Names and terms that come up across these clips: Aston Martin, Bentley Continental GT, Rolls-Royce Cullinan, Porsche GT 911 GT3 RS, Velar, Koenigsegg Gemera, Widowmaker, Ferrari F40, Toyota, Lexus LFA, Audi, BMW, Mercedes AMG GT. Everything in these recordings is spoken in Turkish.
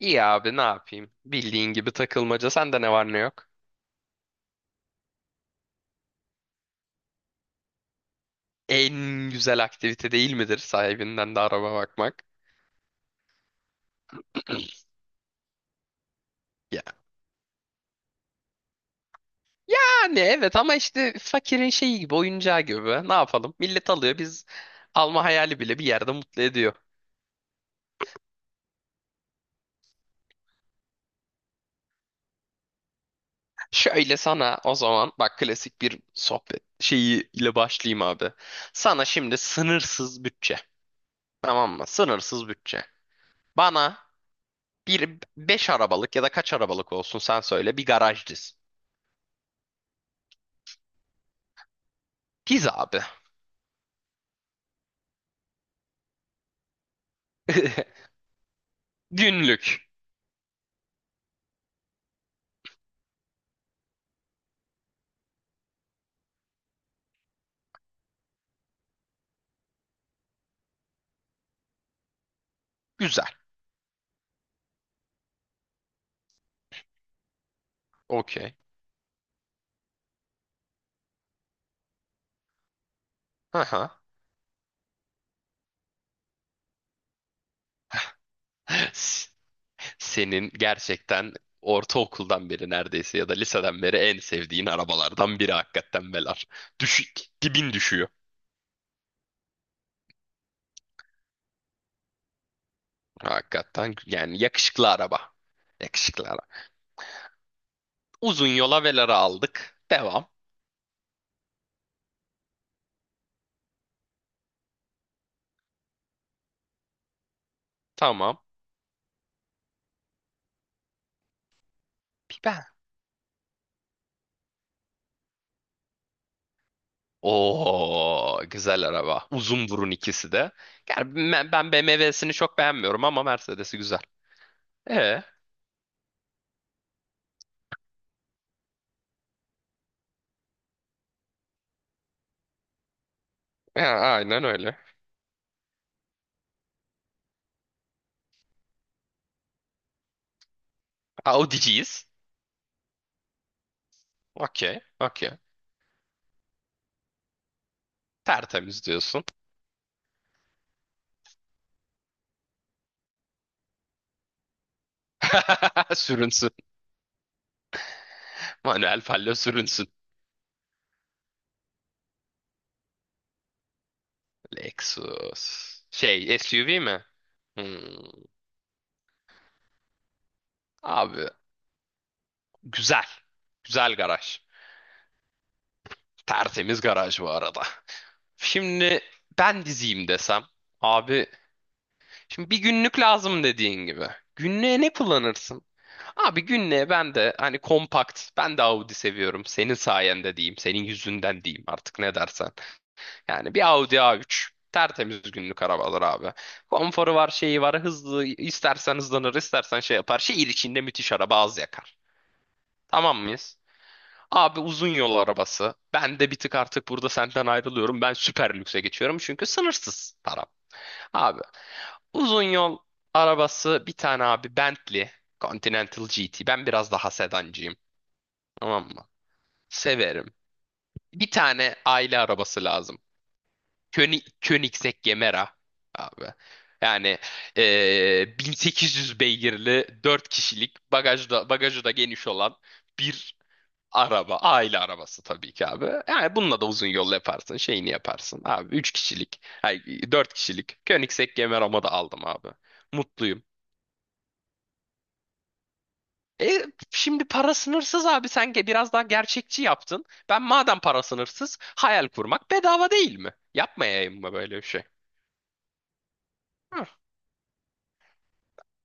İyi abi ne yapayım? Bildiğin gibi takılmaca. Sende ne var ne yok? En güzel aktivite değil midir sahibinden de araba bakmak? Ya. Yani evet ama işte fakirin şeyi gibi, oyuncağı gibi. Ne yapalım? Millet alıyor, biz alma hayali bile bir yerde mutlu ediyor. Şöyle sana o zaman bak, klasik bir sohbet şeyi ile başlayayım abi. Sana şimdi sınırsız bütçe. Tamam mı? Sınırsız bütçe. Bana bir 5 arabalık ya da kaç arabalık olsun sen söyle, bir garaj diz. Diz abi. Günlük. Güzel. Okey. Aha. Senin gerçekten ortaokuldan beri neredeyse ya da liseden beri en sevdiğin arabalardan biri hakikaten Velar. Düşük, dibin düşüyor. Hakikaten yani yakışıklı araba. Yakışıklı araba. Uzun yola Velar'ı aldık. Devam. Tamam. Ben. Oo, güzel araba. Uzun burun ikisi de. Yani ben BMW'sini çok beğenmiyorum ama Mercedes'i güzel. E, aynen öyle. Audi'ciyiz. Okey. Okey. Tertemiz diyorsun. Sürünsün. Manuel fallo sürünsün. Lexus. Şey, SUV mi? Hmm, abi güzel. Güzel garaj. Tertemiz garaj bu arada. Şimdi ben diziyim desem. Abi şimdi bir günlük lazım dediğin gibi. Günlüğe ne kullanırsın? Abi günlüğe ben de hani kompakt. Ben de Audi seviyorum. Senin sayende diyeyim. Senin yüzünden diyeyim, artık ne dersen. Yani bir Audi A3. Tertemiz günlük arabalar abi. Konforu var, şeyi var, hızlı. İstersen hızlanır, istersen şey yapar. Şehir içinde müthiş araba, az yakar. Tamam mıyız? Abi uzun yol arabası. Ben de bir tık artık burada senden ayrılıyorum. Ben süper lükse geçiyorum çünkü sınırsız param. Abi uzun yol arabası bir tane abi Bentley Continental GT. Ben biraz daha sedancıyım. Tamam mı? Severim. Bir tane aile arabası lazım. König, Koenigsegg Gemera abi. Yani 1800 beygirli 4 kişilik, bagajda da, bagajı da geniş olan bir araba. Aile arabası tabii ki abi. Yani bununla da uzun yol yaparsın. Şeyini yaparsın abi. Üç kişilik. Ay, 4 kişilik. Koenigsegg Gemera'mı da aldım abi. Mutluyum. E, şimdi para sınırsız abi. Sen biraz daha gerçekçi yaptın. Ben madem para sınırsız, hayal kurmak bedava değil mi? Yapmayayım mı böyle bir şey?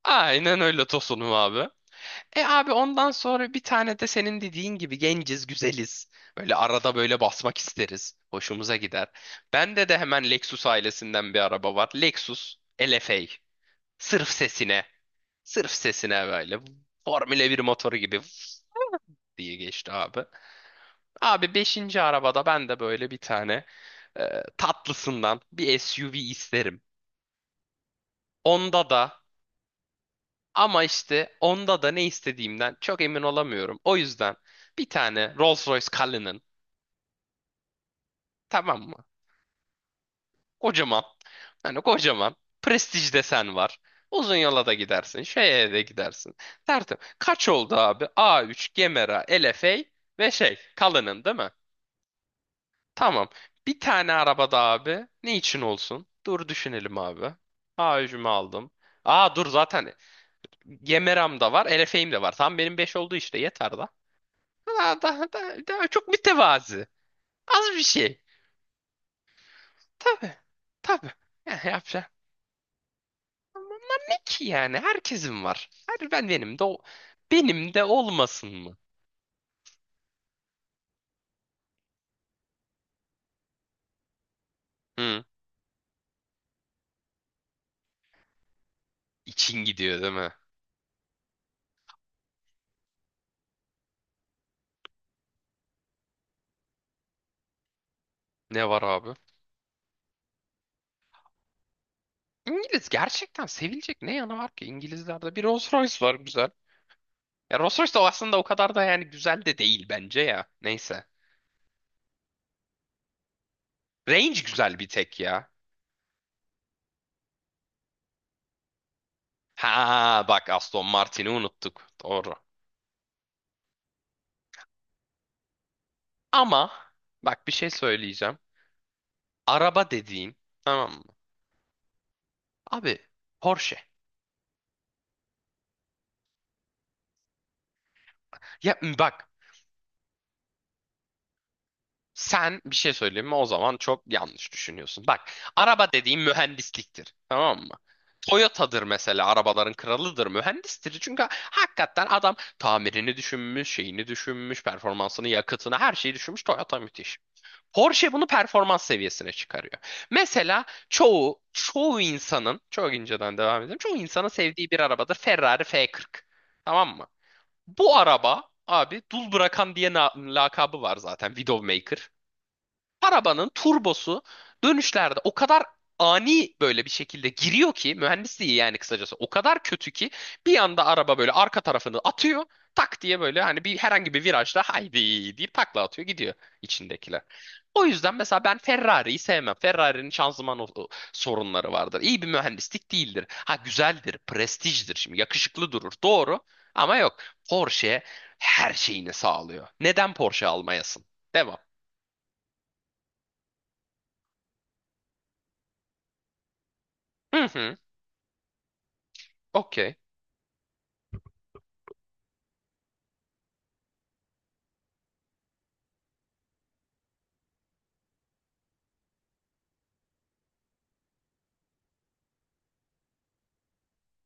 Aynen öyle Tosun'um abi. E abi ondan sonra bir tane de senin dediğin gibi genciz, güzeliz. Böyle arada böyle basmak isteriz. Hoşumuza gider. Bende de hemen Lexus ailesinden bir araba var. Lexus LFA. Sırf sesine. Sırf sesine böyle. Formüle bir motoru gibi diye geçti abi. Abi beşinci arabada ben de böyle bir tane e, tatlısından bir SUV isterim. Onda da ama işte onda da ne istediğimden çok emin olamıyorum. O yüzden bir tane Rolls-Royce Cullinan, tamam mı? Kocaman. Hani kocaman. Prestij desen var. Uzun yola da gidersin. Şeye de gidersin. Tertemiz. Kaç oldu abi? A3, Gemera, LFA ve şey Cullinan değil mi? Tamam. Bir tane araba da abi. Ne için olsun? Dur düşünelim abi. A3'ümü aldım. Aa dur, zaten Gemera'm da var. LFA'im de var. Tam benim 5 oldu işte, yeter da. Daha çok mütevazı. Az bir şey. Tabii. Tabii. Yani yapacağım. Ama bunlar ne ki yani? Herkesin var. Her ben Benim de benim de olmasın mı? Hı. İçin gidiyor değil mi? Ne var abi? İngiliz gerçekten, sevilecek ne yanı var ki? İngilizlerde bir Rolls Royce var, güzel. Ya Rolls Royce de aslında o kadar da yani güzel de değil bence ya. Neyse. Range güzel bir tek ya. Ha bak, Aston Martin'i unuttuk. Doğru. Ama bak bir şey söyleyeceğim. Araba dediğin, tamam mı? Abi Porsche. Ya bak, sen bir şey söyleyeyim mi, o zaman çok yanlış düşünüyorsun. Bak, araba dediğin mühendisliktir, tamam mı? Toyota'dır mesela, arabaların kralıdır, mühendistir. Çünkü hakikaten adam tamirini düşünmüş, şeyini düşünmüş, performansını, yakıtını, her şeyi düşünmüş. Toyota müthiş. Porsche bunu performans seviyesine çıkarıyor. Mesela çoğu insanın, çok inceden devam edelim. Çoğu insanın sevdiği bir arabadır Ferrari F40. Tamam mı? Bu araba abi dul bırakan diye lakabı var zaten, Widowmaker. Arabanın turbosu dönüşlerde o kadar ani böyle bir şekilde giriyor ki, mühendisliği yani kısacası o kadar kötü ki bir anda araba böyle arka tarafını atıyor, tak diye böyle hani bir herhangi bir virajda haydi deyip takla atıyor, gidiyor içindekiler. O yüzden mesela ben Ferrari'yi sevmem. Ferrari'nin şanzıman o sorunları vardır. İyi bir mühendislik değildir. Ha güzeldir, prestijdir, şimdi yakışıklı durur. Doğru ama yok. Porsche her şeyini sağlıyor. Neden Porsche almayasın? Devam. Hı hı. Okey.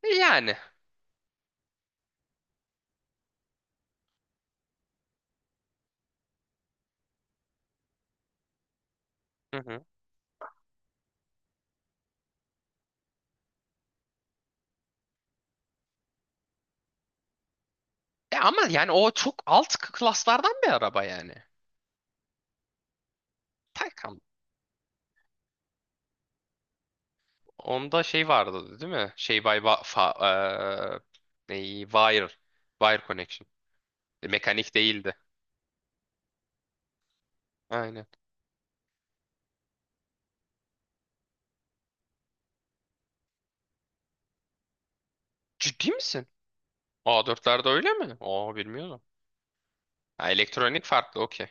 E, yani. Hı hı. E ama yani o çok alt klaslardan bir araba yani. Taycan. Onda şey vardı değil mi? Şey by wa- fa- eee, neyi? Wire. Wire connection. E, mekanik değildi. Aynen. Ciddi misin? A4'lerde öyle mi? Aa, bilmiyordum. Ha, elektronik farklı, okey.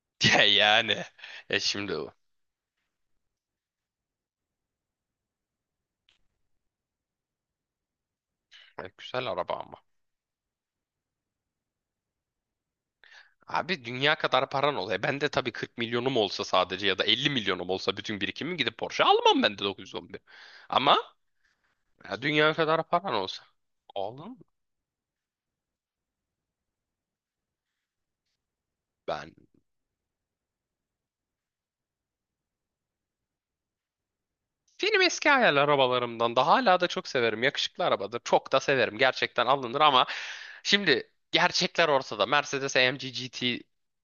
Ya yani. E şimdi o. E, güzel araba ama. Abi dünya kadar paran oluyor. Ben de tabii 40 milyonum olsa sadece ya da 50 milyonum olsa bütün birikimim gidip Porsche almam, ben de 911. Ama ya dünya kadar paran olsa. Oğlum ben benim eski hayal arabalarımdan, da hala da çok severim. Yakışıklı arabadır. Çok da severim. Gerçekten alınır ama şimdi gerçekler ortada. Mercedes AMG GT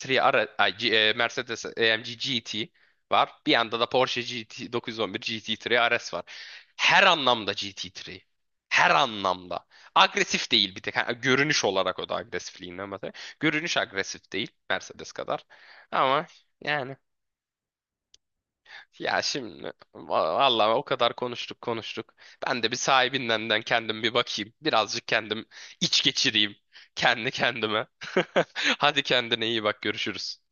3 ara, ay, G- e, Mercedes AMG GT var. Bir yanda da Porsche GT 911 GT3 RS var. Her anlamda GT3. Her anlamda. Agresif değil bir tek. Ha, görünüş olarak o da agresifliğinden bahsediyor. Görünüş agresif değil Mercedes kadar. Ama yani Ya şimdi va- vallahi o kadar konuştuk. Ben de bir sahibinden kendim bir bakayım. Birazcık kendim iç geçireyim kendi kendime. Hadi kendine iyi bak, görüşürüz.